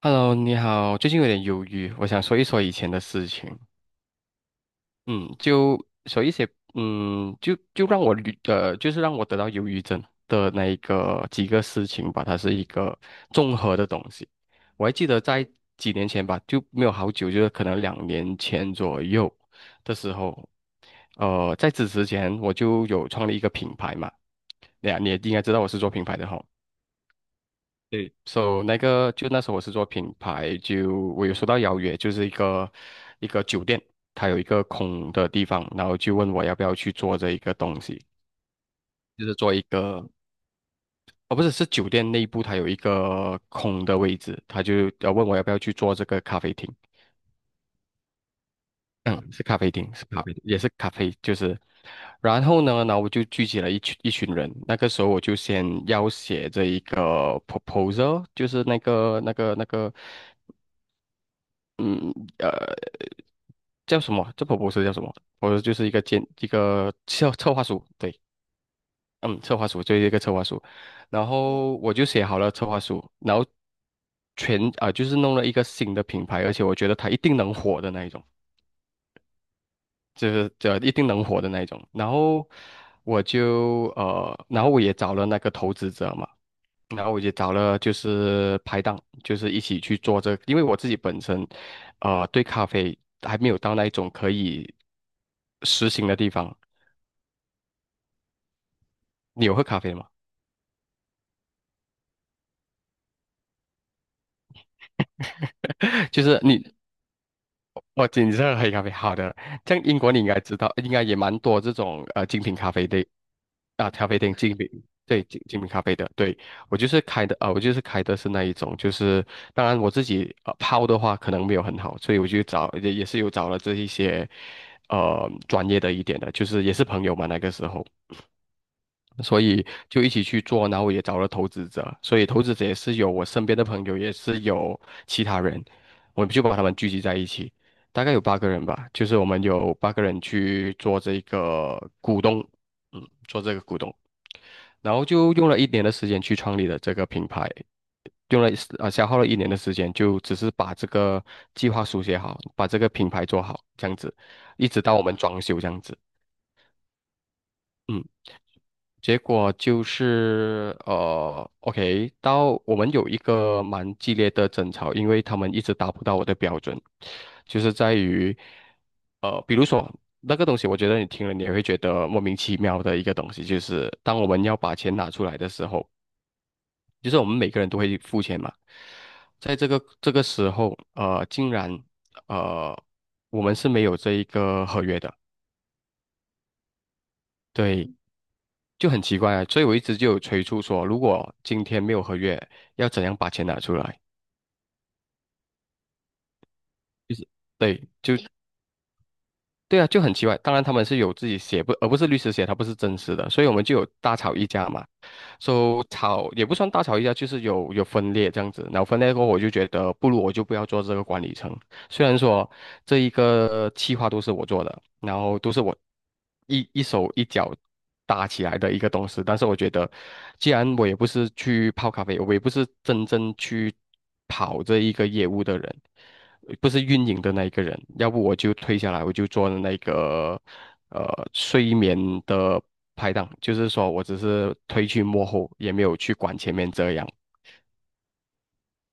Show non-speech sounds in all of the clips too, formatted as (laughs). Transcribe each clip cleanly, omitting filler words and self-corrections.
Hello，你好，最近有点忧郁，我想说一说以前的事情。嗯，就说一些，就让我捋就是让我得到忧郁症的那一个几个事情吧，它是一个综合的东西。我还记得在几年前吧，就没有好久，就是可能2年前左右的时候，在此之前我就有创立一个品牌嘛，对呀，你也应该知道我是做品牌的哈。对，so 那个就那时候我是做品牌，就我有收到邀约，就是一个酒店，它有一个空的地方，然后就问我要不要去做这一个东西，就是做一个，哦不是，是酒店内部它有一个空的位置，他就要问我要不要去做这个咖啡厅，嗯，是咖啡厅，是咖啡厅也是咖啡，就是，然后呢，然后我就聚集了一群一群人，那个时候我就先要写这一个 proposal，就是那个。嗯，呃。叫什么啊？这 p r o 叫什么？我说就是一个建一个策划书，对，嗯，策划书就是一个策划书，然后我就写好了策划书，然后就是弄了一个新的品牌，而且我觉得它一定能火的那一种，就是这一定能火的那一种。然后然后我也找了那个投资者嘛。然后我就找了就是拍档，就是一起去做这个因为我自己本身，对咖啡还没有到那一种可以实行的地方。你有喝咖啡吗？(laughs) 就是你哦，精品黑咖啡，好的。像英国你应该知道，应该也蛮多这种精品咖啡店啊，咖啡店精品，对，精品咖啡的。对，我就是开的，啊，我就是开的是那一种，就是当然我自己泡的话可能没有很好，所以我就找也是有找了这一些专业的一点的，就是也是朋友嘛那个时候，所以就一起去做，然后也找了投资者，所以投资者也是有我身边的朋友，也是有其他人，我们就把他们聚集在一起，大概有八个人吧，就是我们有八个人去做这个股东，做这个股东，然后就用了一年的时间去创立了这个品牌，用了啊消耗了一年的时间，就只是把这个计划书写好，把这个品牌做好，这样子，一直到我们装修这样子。嗯。结果就是OK，到我们有一个蛮激烈的争吵，因为他们一直达不到我的标准，就是在于比如说那个东西，我觉得你听了你也会觉得莫名其妙的一个东西，就是当我们要把钱拿出来的时候，就是我们每个人都会付钱嘛，在这个时候，竟然呃，我们是没有这一个合约的。对，就很奇怪啊。所以我一直就有催促说，如果今天没有合约，要怎样把钱拿出来？就是对，就对啊，就很奇怪。当然他们是有自己写不，而不是律师写，他不是真实的，所以我们就有大吵一架嘛。so, 吵也不算大吵一架，就是有分裂这样子。然后分裂过后，我就觉得不如我就不要做这个管理层，虽然说这一个企划都是我做的，然后都是我一手一脚搭起来的一个东西，但是我觉得，既然我也不是去泡咖啡，我也不是真正去跑这一个业务的人，不是运营的那一个人，要不我就退下来，我就做那个呃睡眠的拍档，就是说我只是推去幕后，也没有去管前面这样。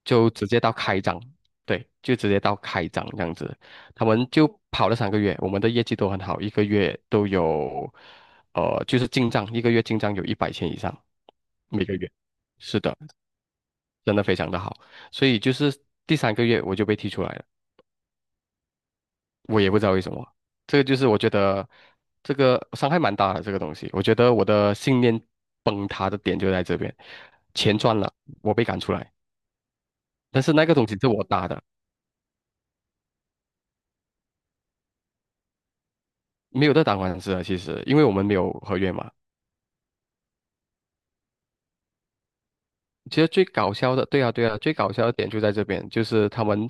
就直接到开张，对，就直接到开张这样子。他们就跑了三个月，我们的业绩都很好，一个月都有，就是进账，一个月进账有一百千以上，每个月。是的，真的非常的好。所以就是第三个月我就被踢出来了，我也不知道为什么。这个就是我觉得这个伤害蛮大的这个东西，我觉得我的信念崩塌的点就在这边，钱赚了，我被赶出来，但是那个东西是我搭的，没有在打官司啊，其实因为我们没有合约嘛。其实最搞笑的，对啊，对啊，最搞笑的点就在这边，就是他们，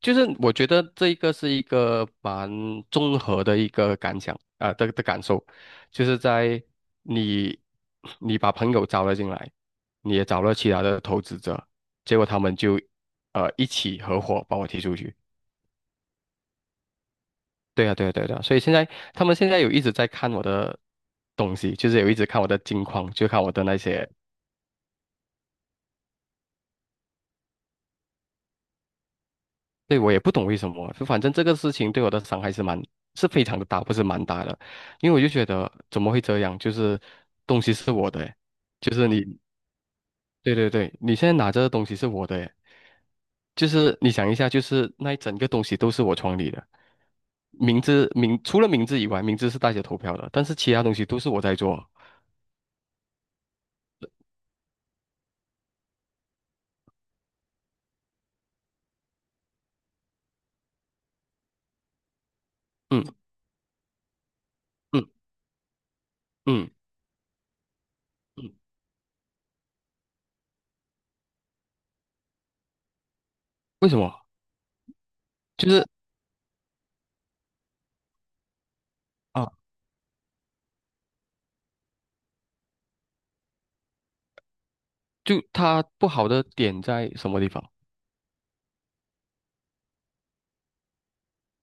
就是我觉得这一个是一个蛮综合的一个感想啊、的感受，就是在你你把朋友招了进来，你也找了其他的投资者，结果他们就一起合伙把我踢出去。对啊，对啊，对啊，对啊，所以现在他们现在有一直在看我的东西，就是有一直看我的近况，就看我的那些对，我也不懂为什么，就反正这个事情对我的伤害是蛮，是非常的大，不是蛮大的，因为我就觉得怎么会这样？就是东西是我的诶就是你，对对对，你现在拿着的东西是我的诶就是你想一下，就是那一整个东西都是我创立的，名字，除了名字以外，名字是大家投票的，但是其他东西都是我在做。嗯嗯嗯嗯，为什么？就是啊，就它不好的点在什么地方？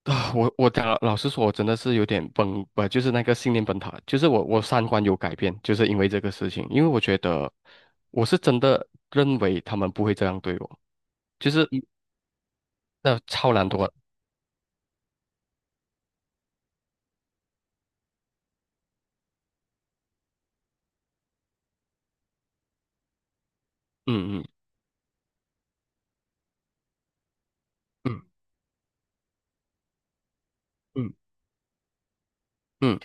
啊，我讲老实说，我真的是有点崩，不就是那个信念崩塌，就是我三观有改变，就是因为这个事情，因为我觉得我是真的认为他们不会这样对我，就是那超懒惰，嗯嗯嗯嗯嗯，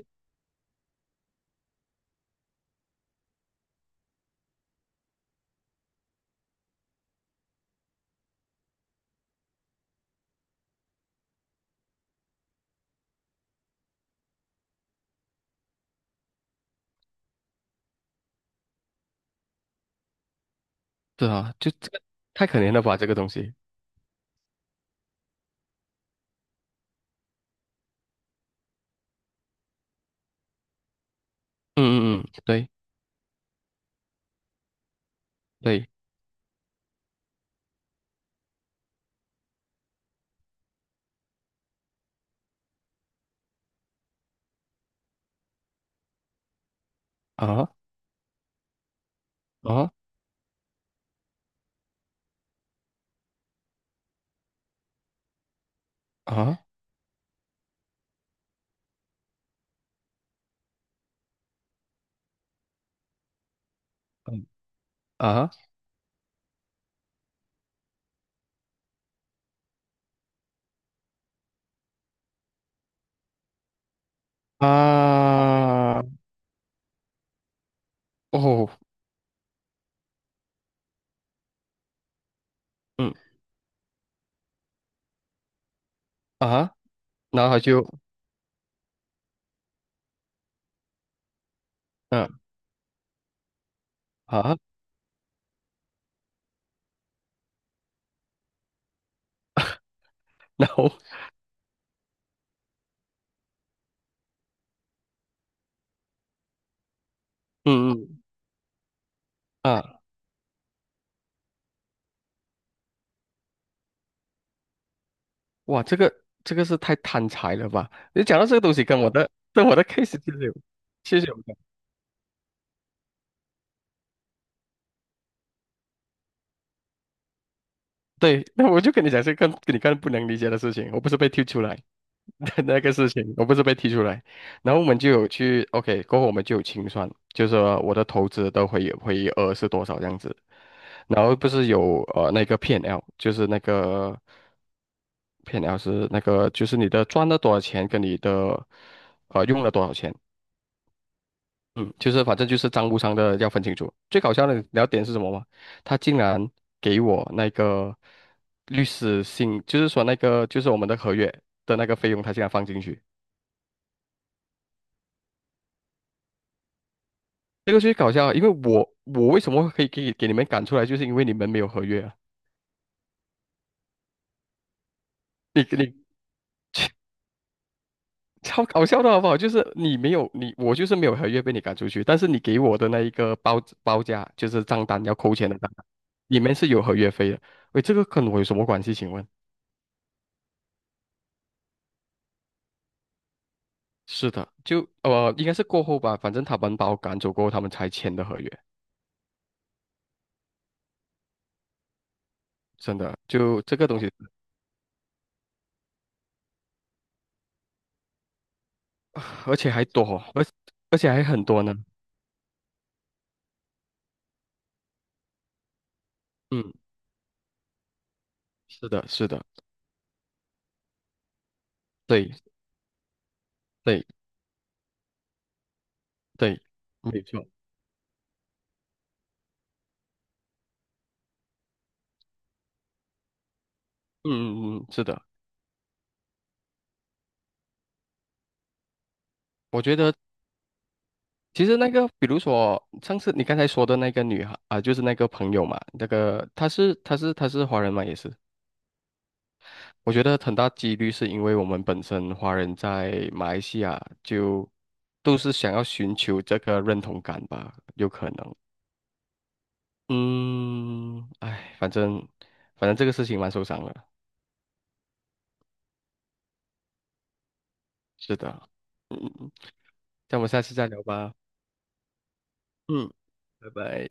对啊，就这个太可怜了吧，这个东西，嗯嗯嗯，对对啊啊啊嗯啊啊哦嗯啊，然后他就嗯啊，然后嗯嗯。啊。哇，这个是太贪财了吧？你讲到这个东西，跟我的 case 其实有，其实有关。对，那我就跟你讲这个跟你更不能理解的事情，我不是被踢出来的 (laughs) 那个事情，我不是被踢出来，然后我们就有去 OK，过后我们就有清算，就是说我的投资的回额是多少这样子，然后不是有那个 P&L，就是那个 P&L 是那个就是你的赚了多少钱跟你的用了多少钱。嗯，就是反正就是账务上的要分清楚。最搞笑的聊点是什么吗？他竟然给我那个律师信，就是说那个就是我们的合约的那个费用，他竟然放进去。这个最搞笑啊，因为我为什么可以给你们赶出来，就是因为你们没有合约啊。你 (laughs) 超搞笑的好不好？就是你没有你我就是没有合约被你赶出去，但是你给我的那一个报价就是账单要扣钱的账单，里面是有合约费的。喂，这个跟我有什么关系？请问？是的，就，应该是过后吧，反正他们把我赶走过后，他们才签的合约，真的，就这个东西，(sighs) 而且还多，而而且还很多呢。嗯，是的，是的，对对对，没错。嗯嗯嗯，是的，我觉得其实那个，比如说上次你刚才说的那个女孩啊、就是那个朋友嘛，那个她是华人嘛，也是。我觉得很大几率是因为我们本身华人在马来西亚就都是想要寻求这个认同感吧，有可能。嗯，哎，反正这个事情蛮受伤的。是的，嗯，那我们下次再聊吧。嗯，拜拜。